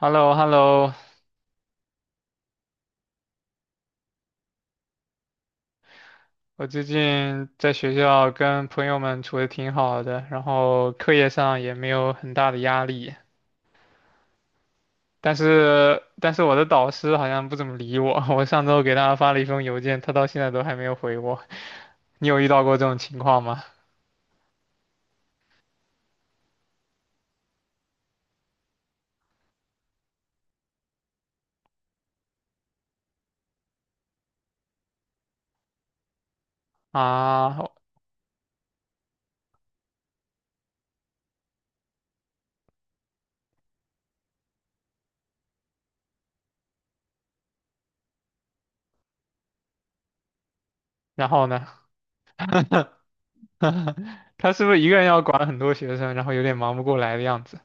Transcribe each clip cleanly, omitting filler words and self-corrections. Hello Hello 我最近在学校跟朋友们处的挺好的，然后课业上也没有很大的压力，但是我的导师好像不怎么理我，我上周给他发了一封邮件，他到现在都还没有回我。你有遇到过这种情况吗？啊，然后呢？他是不是一个人要管很多学生，然后有点忙不过来的样子？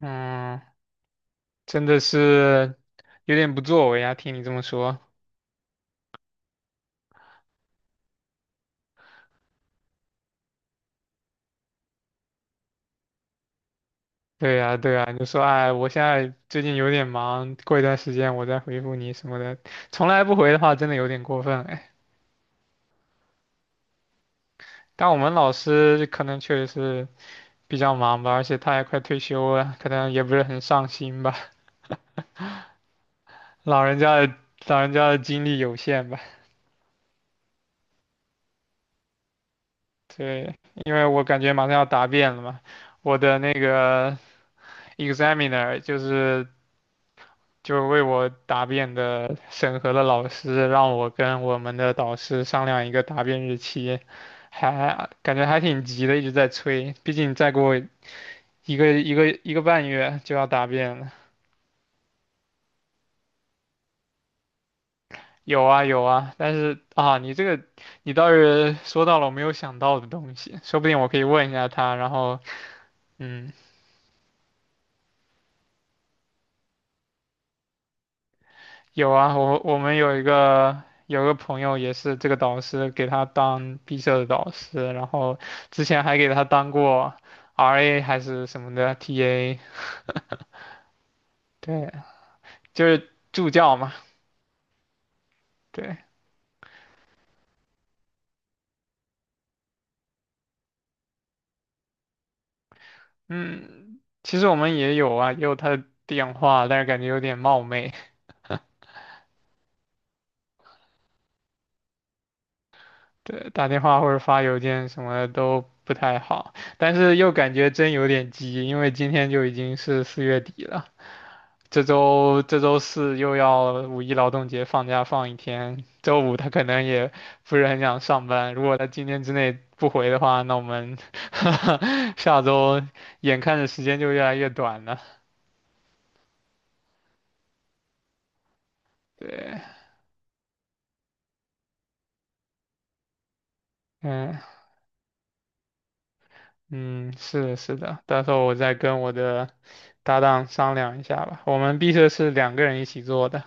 嗯，真的是有点不作为啊，听你这么说。对呀，对呀，你就说哎，我现在最近有点忙，过一段时间我再回复你什么的，从来不回的话，真的有点过分哎。但我们老师可能确实是比较忙吧，而且他也快退休了，可能也不是很上心吧，老人家的老人家的精力有限吧。对，因为我感觉马上要答辩了嘛，我的那个 examiner 就为我答辩的审核的老师让我跟我们的导师商量一个答辩日期，还感觉还挺急的，一直在催。毕竟再过一个半月就要答辩了。有啊有啊，但是啊，你这个你倒是说到了我没有想到的东西，说不定我可以问一下他，然后嗯。有啊，我们有一个朋友也是这个导师给他当毕设的导师，然后之前还给他当过 RA 还是什么的 TA，对，就是助教嘛，对，嗯，其实我们也有啊，也有他的电话，但是感觉有点冒昧，对，打电话或者发邮件什么的都不太好，但是又感觉真有点急，因为今天就已经是四月底了。这周四又要五一劳动节放假放一天，周五他可能也不是很想上班。如果他今天之内不回的话，那我们 下周眼看着时间就越来越短了。对，嗯嗯，是的，是的，到时候我再跟我的搭档商量一下吧。我们毕设是两个人一起做的。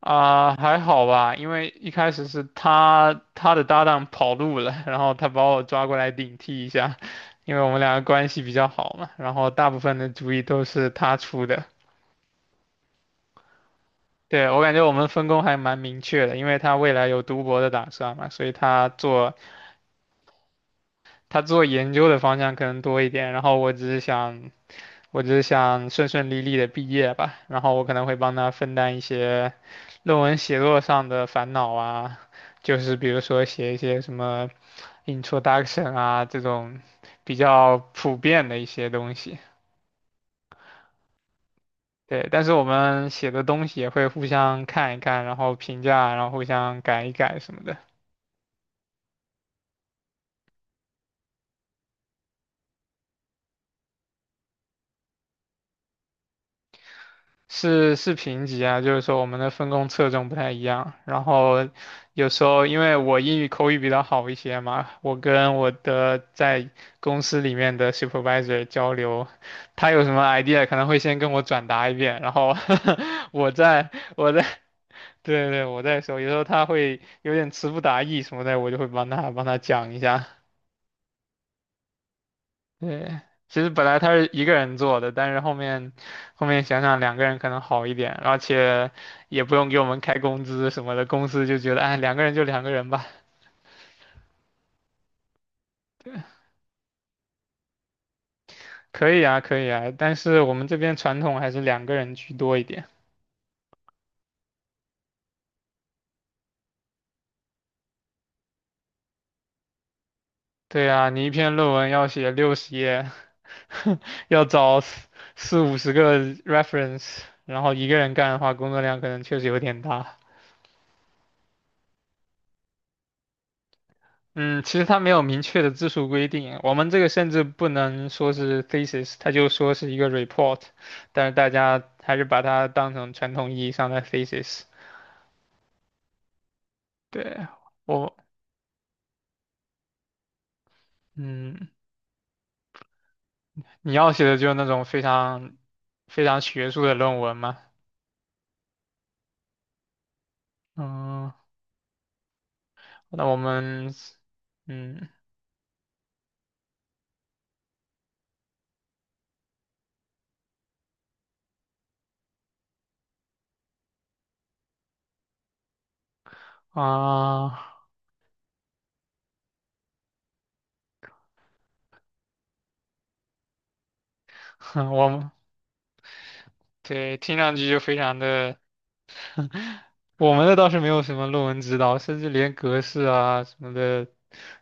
啊，还好吧，因为一开始是他的搭档跑路了，然后他把我抓过来顶替一下，因为我们两个关系比较好嘛，然后大部分的主意都是他出的。对，我感觉我们分工还蛮明确的，因为他未来有读博的打算嘛，所以他做研究的方向可能多一点，然后我只是想顺顺利利的毕业吧，然后我可能会帮他分担一些论文写作上的烦恼啊，就是比如说写一些什么 introduction 啊这种比较普遍的一些东西。对，但是我们写的东西也会互相看一看，然后评价，然后互相改一改什么的。是评级啊，就是说我们的分工侧重不太一样。然后有时候因为我英语口语比较好一些嘛，我跟我的在公司里面的 supervisor 交流，他有什么 idea 可能会先跟我转达一遍，然后 我再我再 对对我再说，有时候他会有点词不达意什么的，我就会帮他讲一下。对，其实本来他是一个人做的，但是后面想想两个人可能好一点，而且也不用给我们开工资什么的，公司就觉得哎两个人就两个人吧，可以啊可以啊，但是我们这边传统还是两个人居多一点。对啊，你一篇论文要写60页，要找四五十个 reference，然后一个人干的话，工作量可能确实有点大。嗯，其实它没有明确的字数规定，我们这个甚至不能说是 thesis，它就说是一个 report，但是大家还是把它当成传统意义上的 thesis。对，我，嗯，你要写的就是那种非常非常学术的论文嘛。嗯，那我们，嗯啊，我们对，听上去就非常的。我们的倒是没有什么论文指导，甚至连格式啊什么的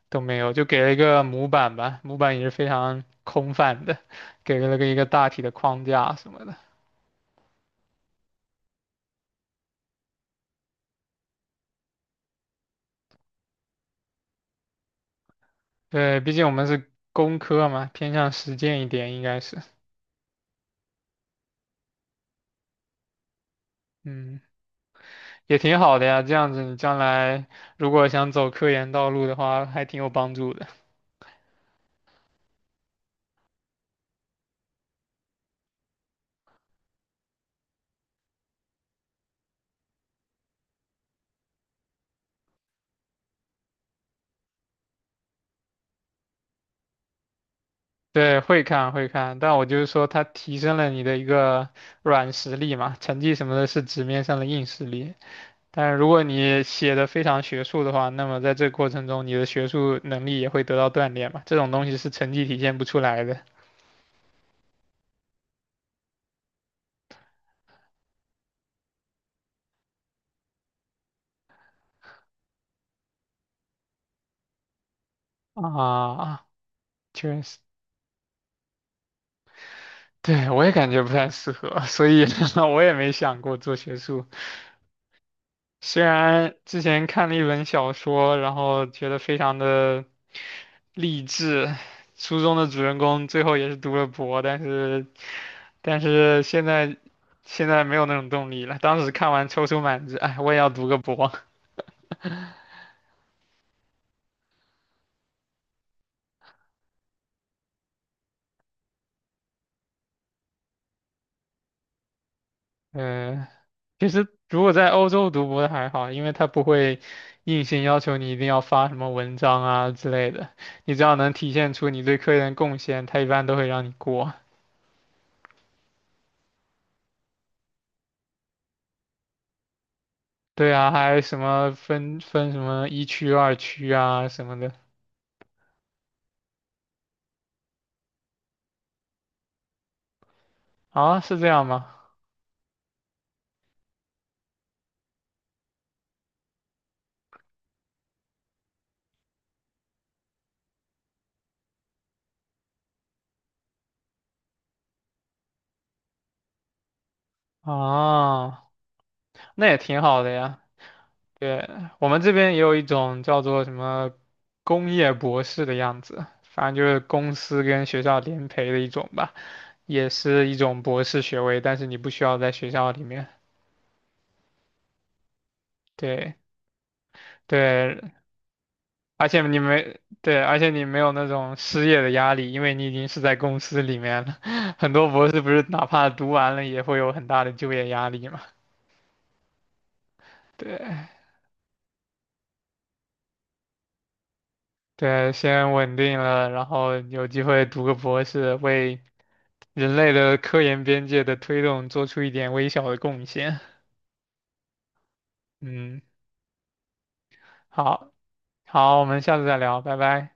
都没有，就给了一个模板吧，模板也是非常空泛的，给了个一个大体的框架什么的。对，毕竟我们是工科嘛，偏向实践一点，应该是，嗯，也挺好的呀。这样子你将来如果想走科研道路的话，还挺有帮助的。对，会看会看，但我就是说，它提升了你的一个软实力嘛，成绩什么的是纸面上的硬实力，但如果你写的非常学术的话，那么在这个过程中，你的学术能力也会得到锻炼嘛。这种东西是成绩体现不出来的啊，确实，对，我也感觉不太适合，所以 我也没想过做学术。虽然之前看了一本小说，然后觉得非常的励志，书中的主人公最后也是读了博，但是，但是现在没有那种动力了。当时看完踌躇满志，哎，我也要读个博。嗯，其实如果在欧洲读博的还好，因为他不会硬性要求你一定要发什么文章啊之类的，你只要能体现出你对科研的贡献，他一般都会让你过。对啊，还有什么分什么1区、2区啊什么的啊，是这样吗？啊，那也挺好的呀。对，我们这边也有一种叫做什么工业博士的样子，反正就是公司跟学校联培的一种吧。也是一种博士学位，但是你不需要在学校里面。对对，而且你没对，而且你没有那种失业的压力，因为你已经是在公司里面了。很多博士不是哪怕读完了也会有很大的就业压力嘛？对对，先稳定了，然后有机会读个博士，为人类的科研边界的推动做出一点微小的贡献。嗯，好，好，我们下次再聊，拜拜。